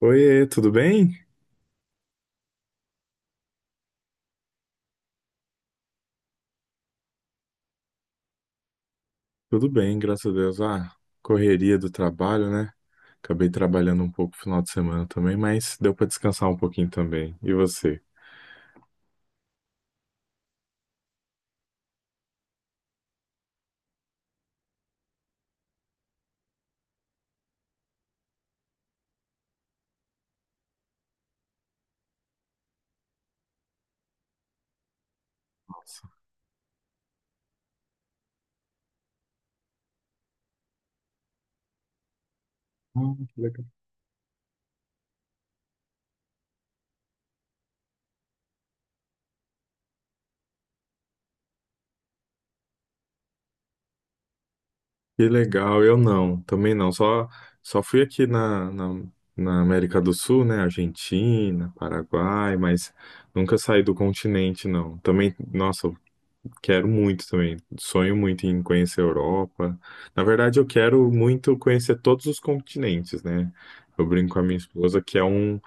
Oiê, tudo bem? Tudo bem, graças a Deus. Correria do trabalho, né? Acabei trabalhando um pouco no final de semana também, mas deu para descansar um pouquinho também. E você? Nossa, ah, que legal. Que legal, eu não, também não. Só, só fui aqui na América do Sul, né? Argentina, Paraguai, mas nunca saí do continente, não. Também, nossa, quero muito também. Sonho muito em conhecer a Europa. Na verdade, eu quero muito conhecer todos os continentes, né? Eu brinco com a minha esposa que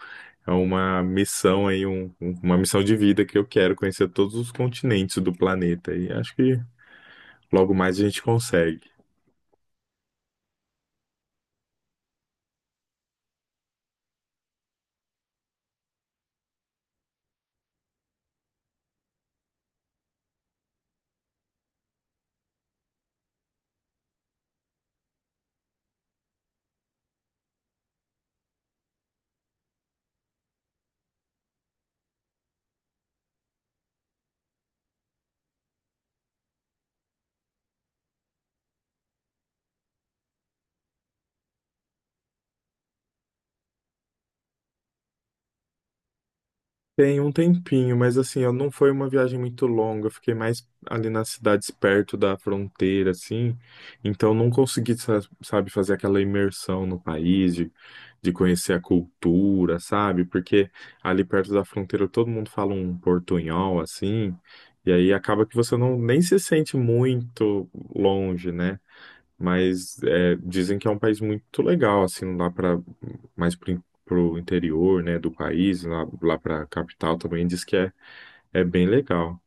é uma missão aí, uma missão de vida que eu quero conhecer todos os continentes do planeta. E acho que logo mais a gente consegue. Tem um tempinho, mas assim, eu não foi uma viagem muito longa, eu fiquei mais ali nas cidades perto da fronteira, assim, então não consegui, sabe, fazer aquela imersão no país, de conhecer a cultura, sabe, porque ali perto da fronteira todo mundo fala um portunhol, assim, e aí acaba que você não nem se sente muito longe, né? Mas é, dizem que é um país muito legal, assim, lá para mais pro, pro interior, né, do país, lá, lá para capital também diz que é, é bem legal.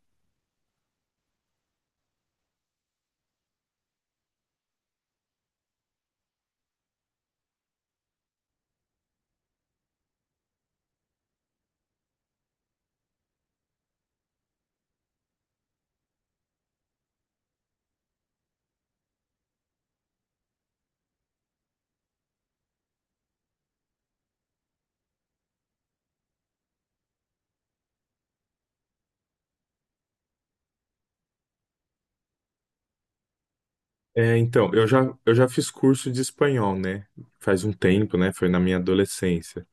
É, então, eu já fiz curso de espanhol, né? Faz um tempo, né? Foi na minha adolescência.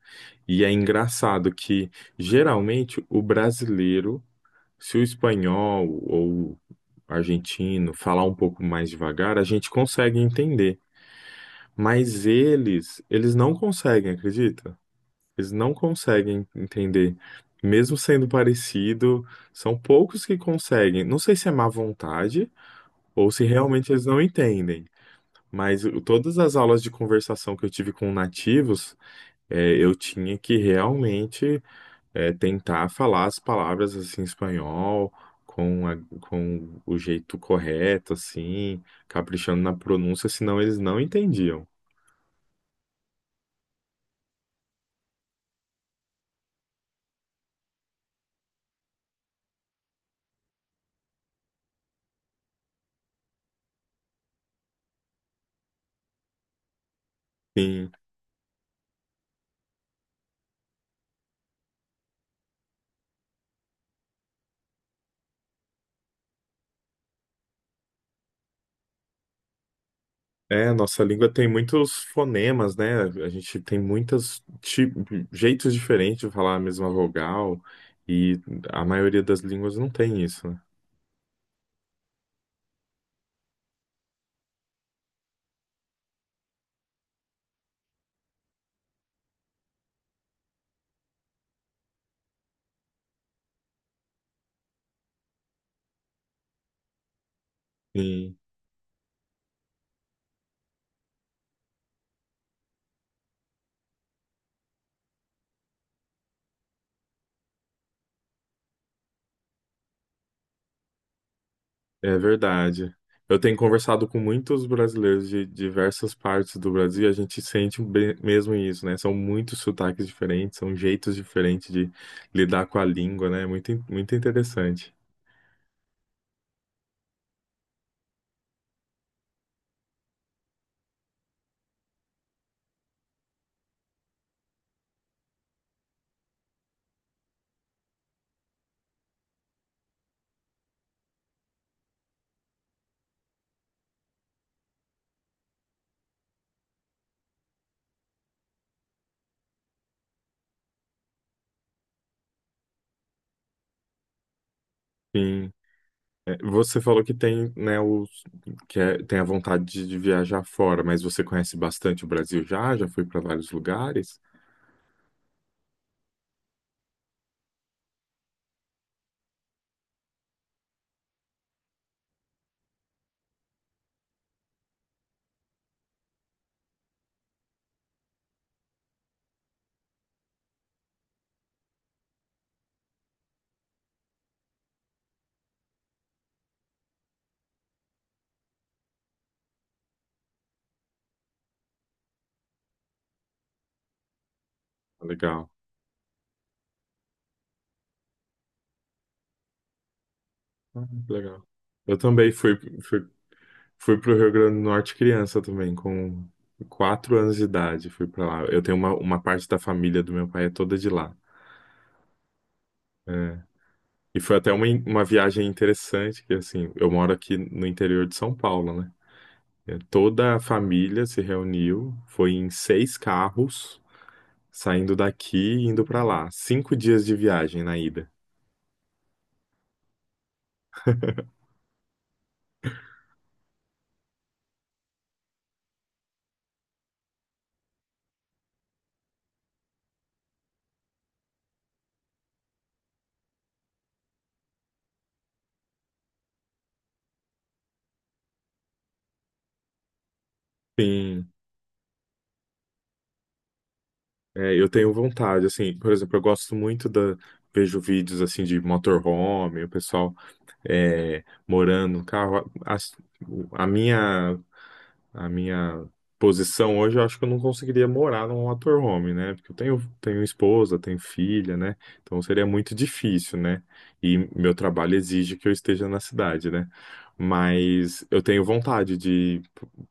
E é engraçado que, geralmente, o brasileiro, se o espanhol ou argentino falar um pouco mais devagar, a gente consegue entender. Mas eles não conseguem, acredita? Eles não conseguem entender. Mesmo sendo parecido, são poucos que conseguem. Não sei se é má vontade ou se realmente eles não entendem. Mas todas as aulas de conversação que eu tive com nativos, eu tinha que realmente tentar falar as palavras assim, em espanhol, com o jeito correto, assim, caprichando na pronúncia, senão eles não entendiam. Sim. É, a nossa língua tem muitos fonemas, né? A gente tem muitos jeitos diferentes de falar a mesma vogal, e a maioria das línguas não tem isso, né? Sim, é verdade. Eu tenho conversado com muitos brasileiros de diversas partes do Brasil, e a gente sente um mesmo isso, né? São muitos sotaques diferentes, são jeitos diferentes de lidar com a língua, né? Muito, muito interessante. Sim. É, você falou que tem, né, os, tem a vontade de viajar fora, mas você conhece bastante o Brasil já? Já foi para vários lugares? Legal. Ah, que legal. Eu também fui, fui, fui para o Rio Grande do Norte criança também, com 4 anos de idade. Fui para lá. Eu tenho uma parte da família do meu pai é toda de lá. E foi até uma, uma viagem interessante, que assim, eu moro aqui no interior de São Paulo, né? É, toda a família se reuniu, foi em 6 carros, saindo daqui e indo pra lá. 5 dias de viagem na ida. Sim, é, eu tenho vontade, assim, por exemplo, eu gosto muito da. Vejo vídeos assim de motorhome, o pessoal morando no carro. A minha a minha posição hoje, eu acho que eu não conseguiria morar num motorhome, né? Porque eu tenho, tenho esposa, tenho filha, né? Então seria muito difícil, né? E meu trabalho exige que eu esteja na cidade, né? Mas eu tenho vontade de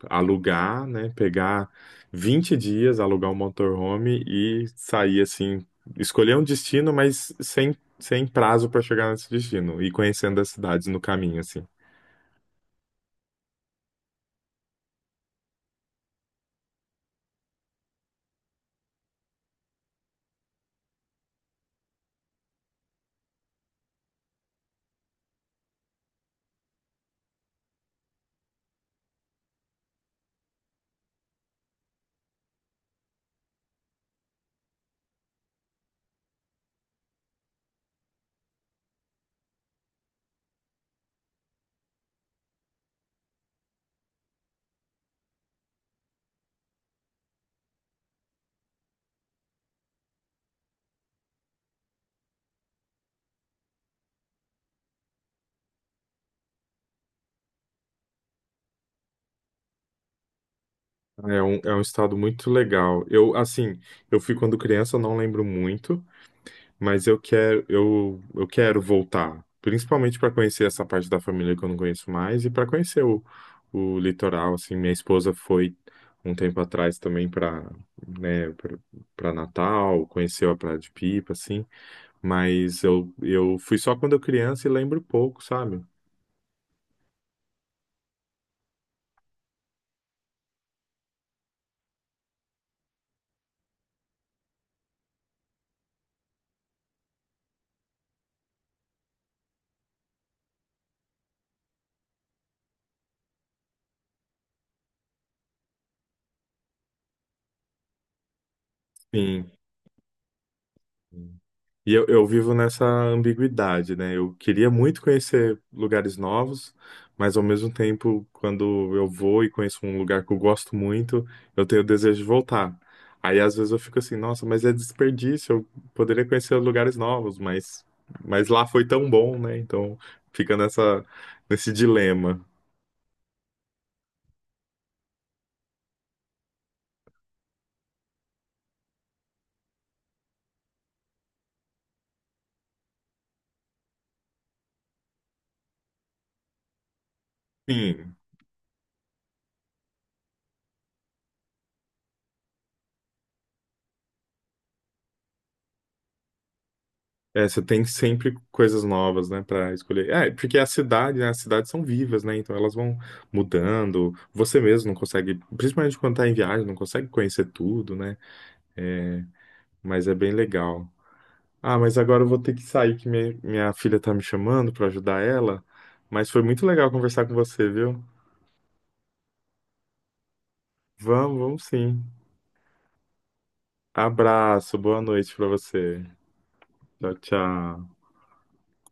alugar, né? Pegar 20 dias, alugar um motorhome e sair assim, escolher um destino, mas sem, sem prazo para chegar nesse destino e conhecendo as cidades no caminho, assim. É um estado muito legal. Eu, assim, eu fui quando criança, eu não lembro muito, mas eu quero, eu quero voltar, principalmente para conhecer essa parte da família que eu não conheço mais e para conhecer o litoral, assim, minha esposa foi um tempo atrás também para, né, para Natal, conheceu a Praia de Pipa, assim, mas eu fui só quando eu criança e lembro pouco, sabe? Sim. E eu vivo nessa ambiguidade, né? Eu queria muito conhecer lugares novos, mas ao mesmo tempo, quando eu vou e conheço um lugar que eu gosto muito, eu tenho o desejo de voltar. Aí às vezes eu fico assim, nossa, mas é desperdício, eu poderia conhecer lugares novos, mas lá foi tão bom, né? Então fica nessa, nesse dilema. Sim, é, você tem sempre coisas novas, né, para escolher. É, porque a cidade, né, as cidades são vivas, né, então elas vão mudando. Você mesmo não consegue, principalmente quando tá em viagem, não consegue conhecer tudo, né? É, mas é bem legal. Ah, mas agora eu vou ter que sair, que minha filha tá me chamando para ajudar ela. Mas foi muito legal conversar com você, viu? Vamos, vamos sim. Abraço, boa noite para você. Tchau, tchau.